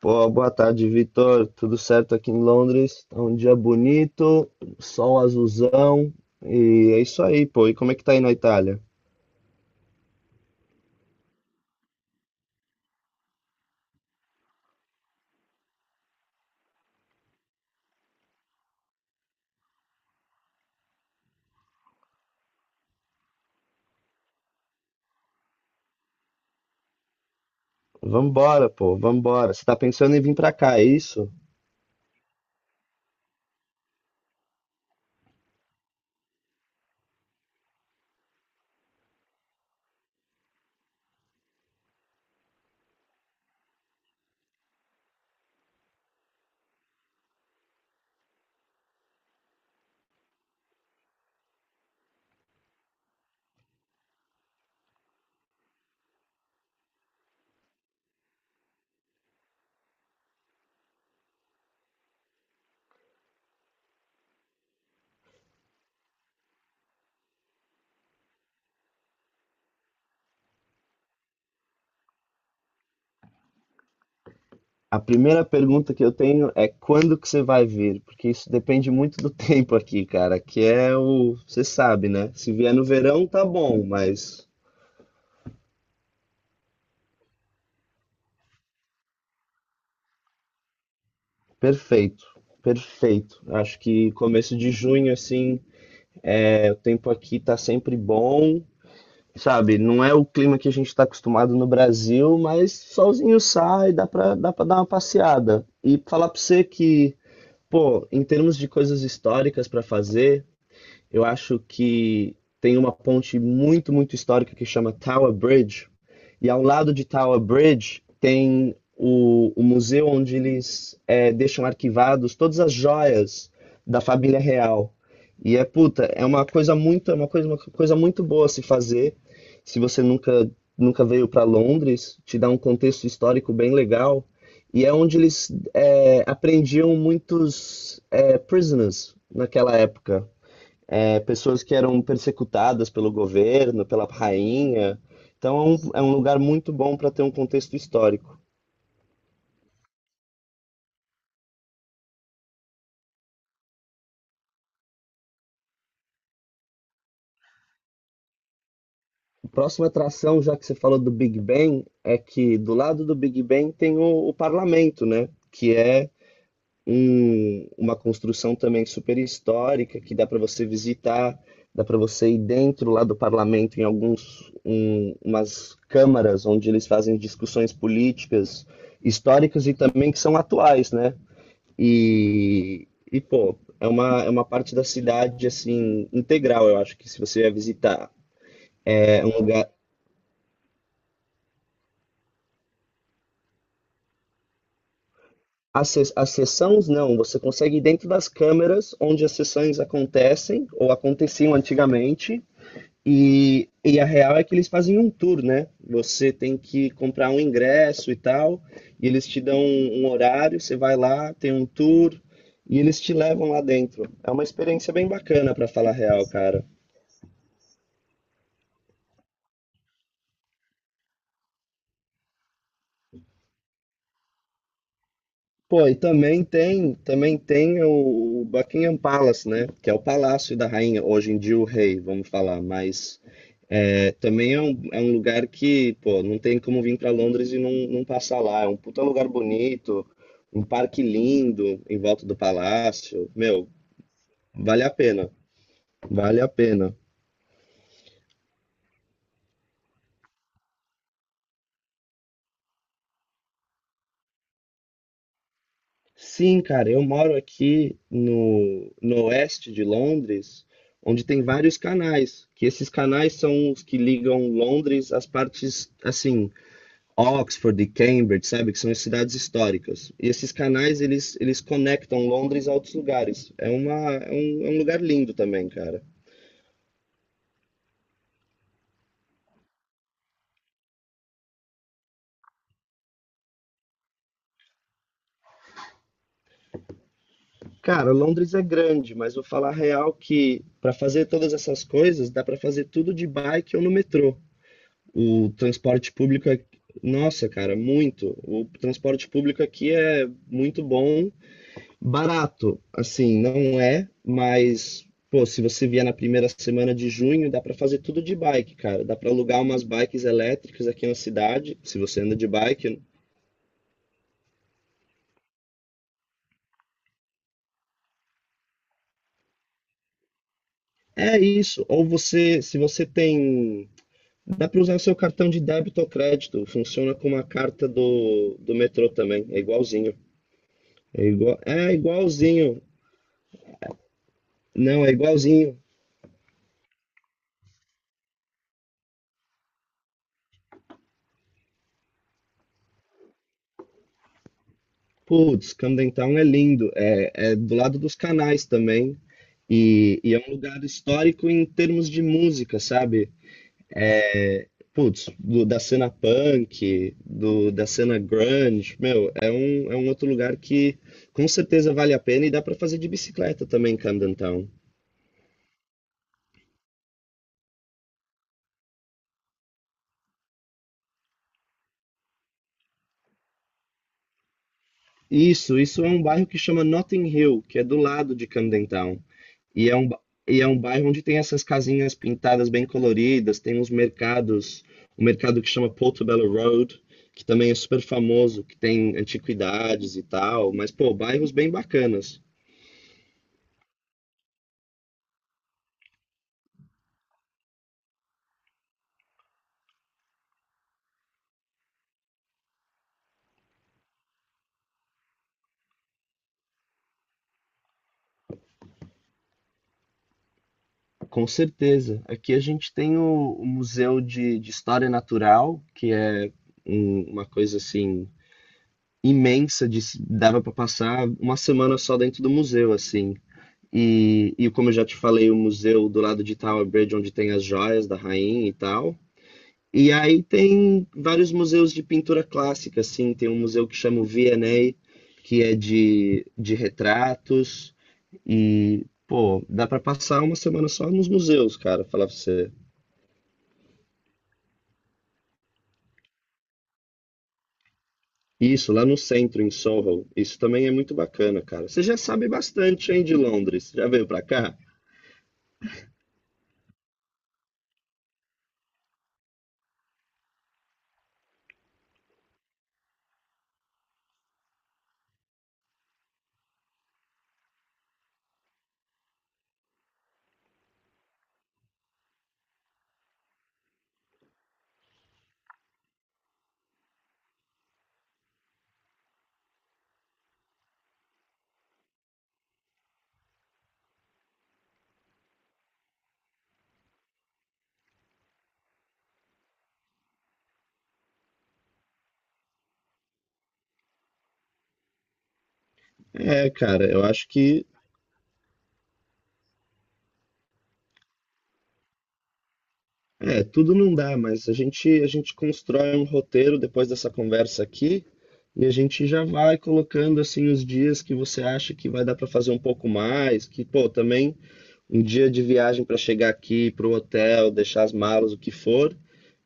Pô, boa tarde, Vitor. Tudo certo aqui em Londres? É um dia bonito, sol azulzão, e é isso aí, pô. E como é que tá aí na Itália? Vambora, pô, vambora. Você tá pensando em vir pra cá, é isso? A primeira pergunta que eu tenho é quando que você vai vir? Porque isso depende muito do tempo aqui, cara, você sabe, né? Se vier no verão, tá bom, mas perfeito, perfeito. Acho que começo de junho, assim, o tempo aqui tá sempre bom. Sabe, não é o clima que a gente está acostumado no Brasil, mas solzinho sai, dá pra dar uma passeada. E falar pra você que, pô, em termos de coisas históricas para fazer, eu acho que tem uma ponte muito, muito histórica que chama Tower Bridge. E ao lado de Tower Bridge tem o museu onde eles deixam arquivados todas as joias da família real. E é puta, uma coisa muito boa a se fazer. Se você nunca, nunca veio para Londres, te dá um contexto histórico bem legal. E é onde eles apreendiam muitos prisoners naquela época pessoas que eram persecutadas pelo governo, pela rainha. Então é um lugar muito bom para ter um contexto histórico. A próxima atração, já que você falou do Big Ben, é que do lado do Big Ben tem o parlamento, né? Que é uma construção também super histórica, que dá para você visitar, dá para você ir dentro lá do parlamento em umas câmaras onde eles fazem discussões políticas, históricas e também que são atuais, né? E pô, é uma parte da cidade, assim, integral, eu acho que se você vai visitar. É um lugar. As sessões, não, você consegue ir dentro das câmeras onde as sessões acontecem, ou aconteciam antigamente. E a real é que eles fazem um tour, né? Você tem que comprar um ingresso e tal, e eles te dão um horário, você vai lá, tem um tour, e eles te levam lá dentro. É uma experiência bem bacana, pra falar a real, cara. Pô, e também tem o Buckingham Palace, né? Que é o palácio da rainha, hoje em dia o rei, vamos falar, mas também é um lugar que, pô, não tem como vir para Londres e não passar lá. É um puta lugar bonito, um parque lindo em volta do palácio. Meu, vale a pena, vale a pena. Sim, cara, eu moro aqui no oeste de Londres, onde tem vários canais, que esses canais são os que ligam Londres às partes, assim, Oxford e Cambridge, sabe, que são as cidades históricas. E esses canais, eles conectam Londres a outros lugares. É um lugar lindo também, cara. Cara, Londres é grande, mas vou falar a real que para fazer todas essas coisas, dá para fazer tudo de bike ou no metrô. O transporte público, nossa, cara, muito. O transporte público aqui é muito bom, barato, assim, não é, mas pô, se você vier na primeira semana de junho, dá pra fazer tudo de bike, cara. Dá pra alugar umas bikes elétricas aqui na cidade, se você anda de bike. É isso. Ou você, se você tem, dá pra usar o seu cartão de débito ou crédito. Funciona como a carta do metrô também, é igualzinho. É igualzinho. Não, é igualzinho. Putz, Camden Town é lindo, é do lado dos canais também, e é um lugar histórico em termos de música, sabe? É, Putz, da cena punk, da cena grunge, meu, é um outro lugar que com certeza vale a pena e dá pra fazer de bicicleta também em Camden Town. Isso é um bairro que chama Notting Hill, que é do lado de Camden Town. E é um, ba- e é um bairro onde tem essas casinhas pintadas bem coloridas, tem uns mercados, um mercado que chama Portobello Road, que também é super famoso, que tem antiguidades e tal, mas pô, bairros bem bacanas. Com certeza. Aqui a gente tem o Museu de História Natural, que é uma coisa assim imensa, de, se- dava para passar uma semana só dentro do museu, assim. E como eu já te falei, o museu do lado de Tower Bridge, onde tem as joias da rainha e tal. E aí tem vários museus de pintura clássica, assim, tem um museu que chama o V&A, que é de retratos, e, pô, dá pra passar uma semana só nos museus, cara, falar pra você. Isso, lá no centro, em Soho, isso também é muito bacana, cara. Você já sabe bastante, hein, de Londres, já veio pra cá? É, cara, eu acho que. É, tudo não dá, mas a gente constrói um roteiro depois dessa conversa aqui e a gente já vai colocando assim os dias que você acha que vai dar para fazer um pouco mais, que pô, também um dia de viagem para chegar aqui para o hotel, deixar as malas, o que for,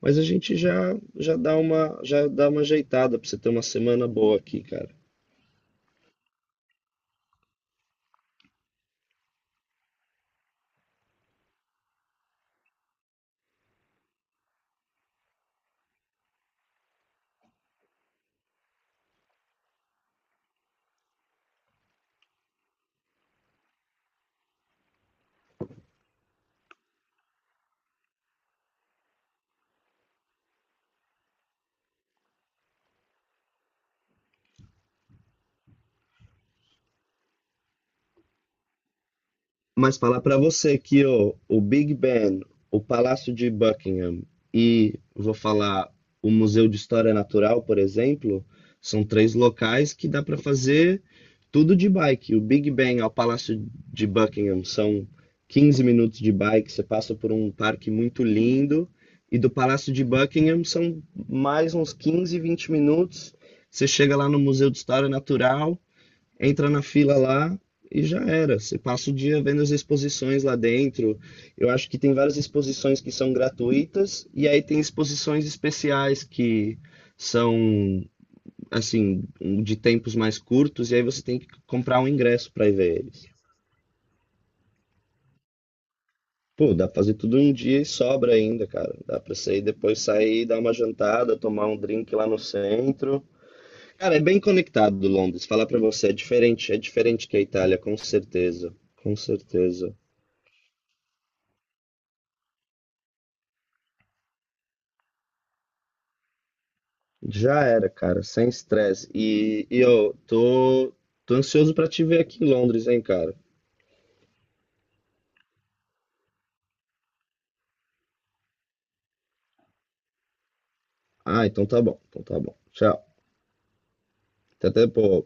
mas a gente já dá uma ajeitada para você ter uma semana boa aqui, cara. Mas falar para você que ó, o Big Ben, o Palácio de Buckingham e, vou falar, o Museu de História Natural, por exemplo, são três locais que dá para fazer tudo de bike. O Big Ben ao Palácio de Buckingham são 15 minutos de bike, você passa por um parque muito lindo. E do Palácio de Buckingham são mais uns 15, 20 minutos. Você chega lá no Museu de História Natural, entra na fila lá e já era. Você passa o dia vendo as exposições lá dentro. Eu acho que tem várias exposições que são gratuitas e aí tem exposições especiais que são assim de tempos mais curtos e aí você tem que comprar um ingresso para ir ver eles. Pô, dá pra fazer tudo em um dia e sobra ainda, cara. Dá pra sair depois sair, dar uma jantada, tomar um drink lá no centro. Cara, é bem conectado Londres. Falar pra você, é diferente que a Itália, com certeza. Com certeza. Já era, cara, sem estresse. E eu tô ansioso pra te ver aqui em Londres, hein, cara. Ah, então tá bom, então tá bom. Tchau. Até depois.